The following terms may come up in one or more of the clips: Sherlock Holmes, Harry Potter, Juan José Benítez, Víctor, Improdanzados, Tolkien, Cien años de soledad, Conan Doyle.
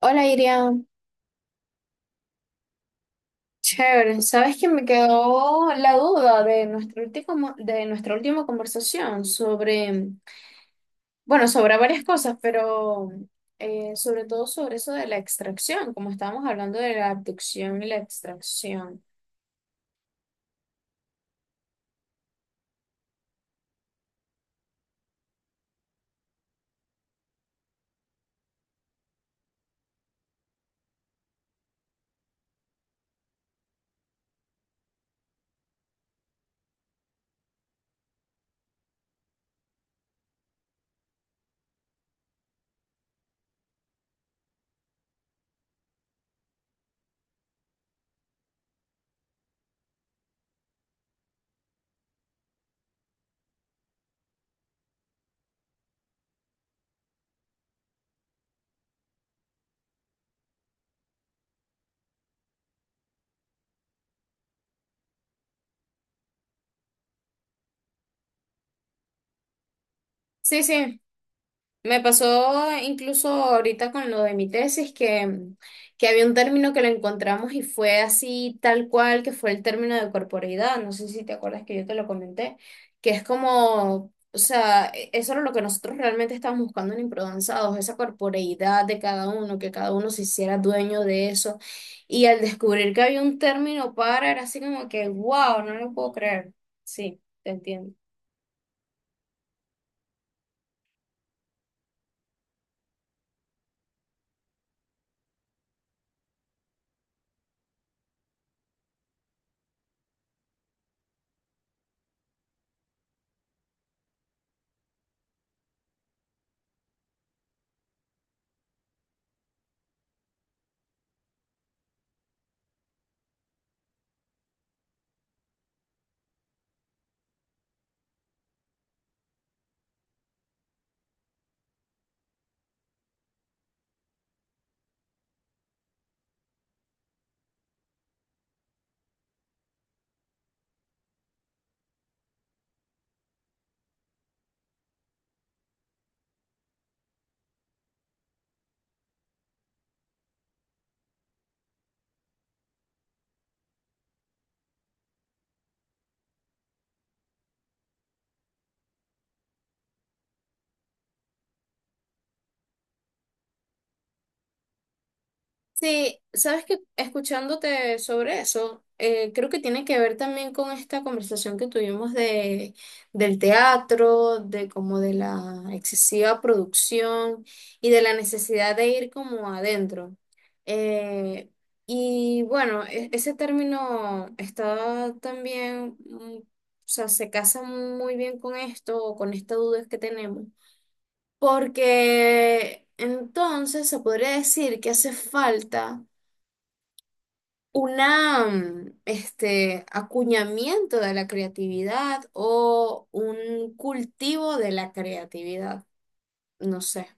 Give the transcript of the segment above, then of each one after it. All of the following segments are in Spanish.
Hola Irian, chévere. ¿Sabes que me quedó la duda de de nuestra última conversación sobre, bueno, sobre varias cosas, pero sobre todo sobre eso de la extracción, como estábamos hablando de la abducción y la extracción? Sí, sí. Me pasó incluso ahorita con lo de mi tesis, que había un término que lo encontramos y fue así tal cual, que fue el término de corporeidad. No sé si te acuerdas que yo te lo comenté, que es como, o sea, eso era lo que nosotros realmente estábamos buscando en Improdanzados, esa corporeidad de cada uno, que cada uno se hiciera dueño de eso. Y al descubrir que había un término para, era así como que, wow, no lo puedo creer. Sí, te entiendo. Sí, sabes que escuchándote sobre eso, creo que tiene que ver también con esta conversación que tuvimos de, del teatro, de como de la excesiva producción y de la necesidad de ir como adentro. Eh, y bueno, ese término está también, mm, o sea, se casa muy bien con esto o con esta duda que tenemos, porque entonces se podría decir que hace falta una, mm, este, acuñamiento de la creatividad o un cultivo de la creatividad. No sé.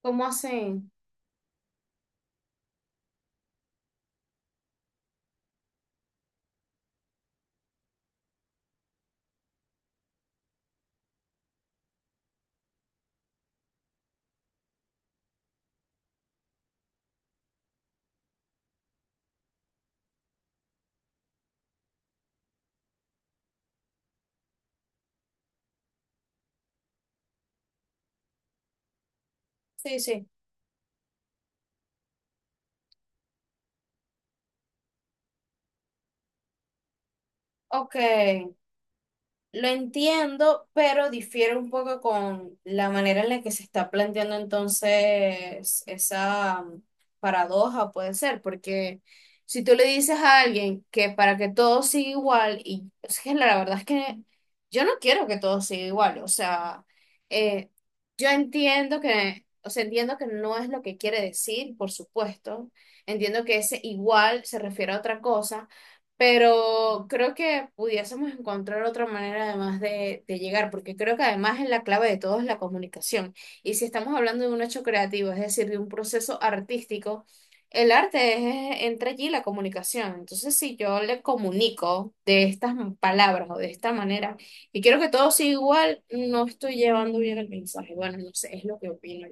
¿Cómo así? Sí, sí. Ok. Lo entiendo, pero difiere un poco con la manera en la que se está planteando entonces esa um, paradoja, puede ser, porque si tú le dices a alguien que para que todo siga igual, y es que la verdad es que yo no quiero que todo siga igual, o sea, eh, yo entiendo que, o sea, entiendo que no es lo que quiere decir, por supuesto, entiendo que ese igual se refiere a otra cosa. Pero creo que pudiésemos encontrar otra manera de llegar, porque creo que además es la clave de todo es la comunicación. Y si estamos hablando de un hecho creativo, es decir, de un proceso artístico, el arte es, entra allí la comunicación. Entonces, si yo le comunico de estas palabras o de esta manera, y quiero que todo sea igual, no estoy llevando bien el mensaje. Bueno, no sé, es lo que opino.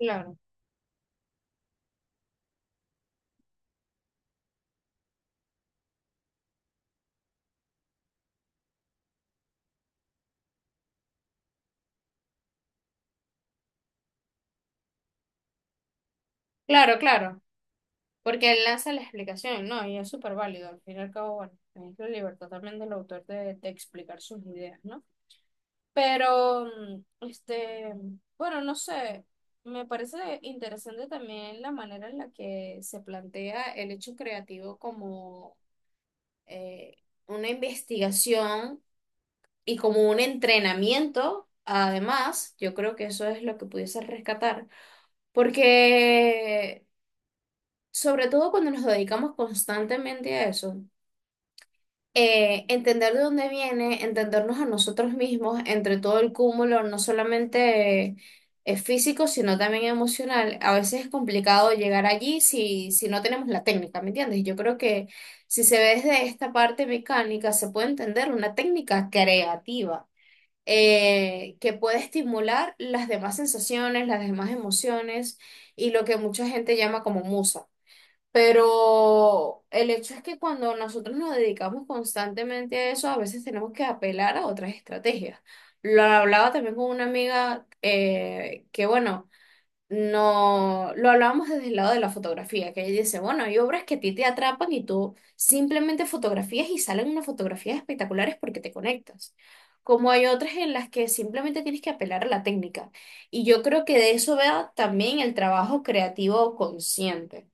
Claro, claro, claro. Porque él lanza la explicación, ¿no? Y es súper válido. Al fin y al cabo, bueno, es la libertad también del autor de explicar sus ideas, ¿no? Pero, mm, este, bueno, no sé. Me parece interesante también la manera en la que se plantea el hecho creativo como eh, una investigación y como un entrenamiento. Además, yo creo que eso es lo que pudiese rescatar. Porque sobre todo cuando nos dedicamos constantemente a eso. Eh, entender de dónde viene, entendernos a nosotros mismos entre todo el cúmulo, no solamente físico, sino también emocional. A veces es complicado llegar allí si no tenemos la técnica, ¿me entiendes? Yo creo que si se ve desde esta parte mecánica, se puede entender una técnica creativa. Eh, que puede estimular las demás sensaciones, las demás emociones y lo que mucha gente llama como musa. Pero el hecho es que cuando nosotros nos dedicamos constantemente a eso, a veces tenemos que apelar a otras estrategias. Lo hablaba también con una amiga que, bueno, no lo hablábamos desde el lado de la fotografía, que ella dice, bueno, hay obras que a ti te atrapan y tú simplemente fotografías y salen unas fotografías espectaculares porque te conectas. Como hay otras en las que simplemente tienes que apelar a la técnica. Y yo creo que de eso vea también el trabajo creativo consciente.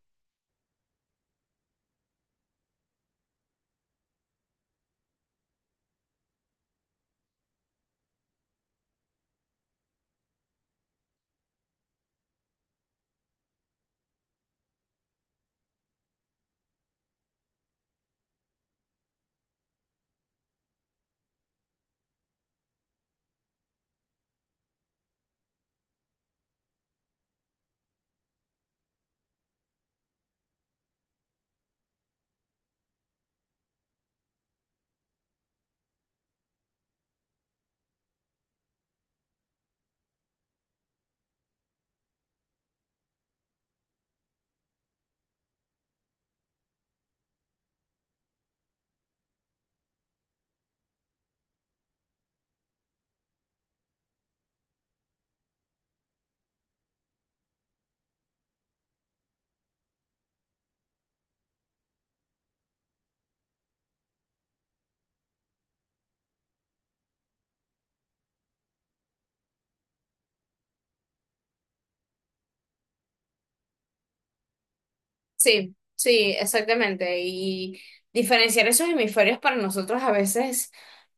Sí, sí, exactamente. Y diferenciar esos hemisferios para nosotros a veces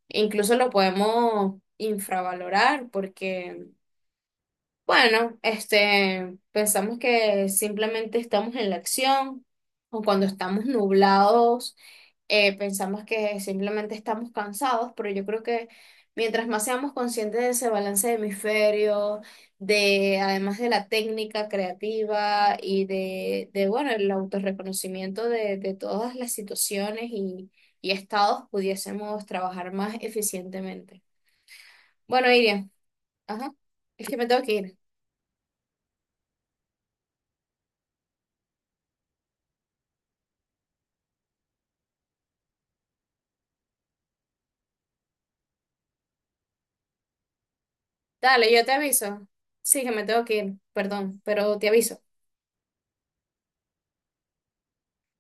incluso lo podemos infravalorar porque, bueno, este, pensamos que simplemente estamos en la acción o cuando estamos nublados pensamos que simplemente estamos cansados, pero yo creo que mientras más seamos conscientes de ese balance de hemisferio, de además de la técnica creativa de bueno, el autorreconocimiento de todas las situaciones y estados, pudiésemos trabajar más eficientemente. Bueno, Iriam, ajá, es que me tengo que ir. Dale, yo te aviso. Sí, que me tengo que ir, perdón, pero te aviso.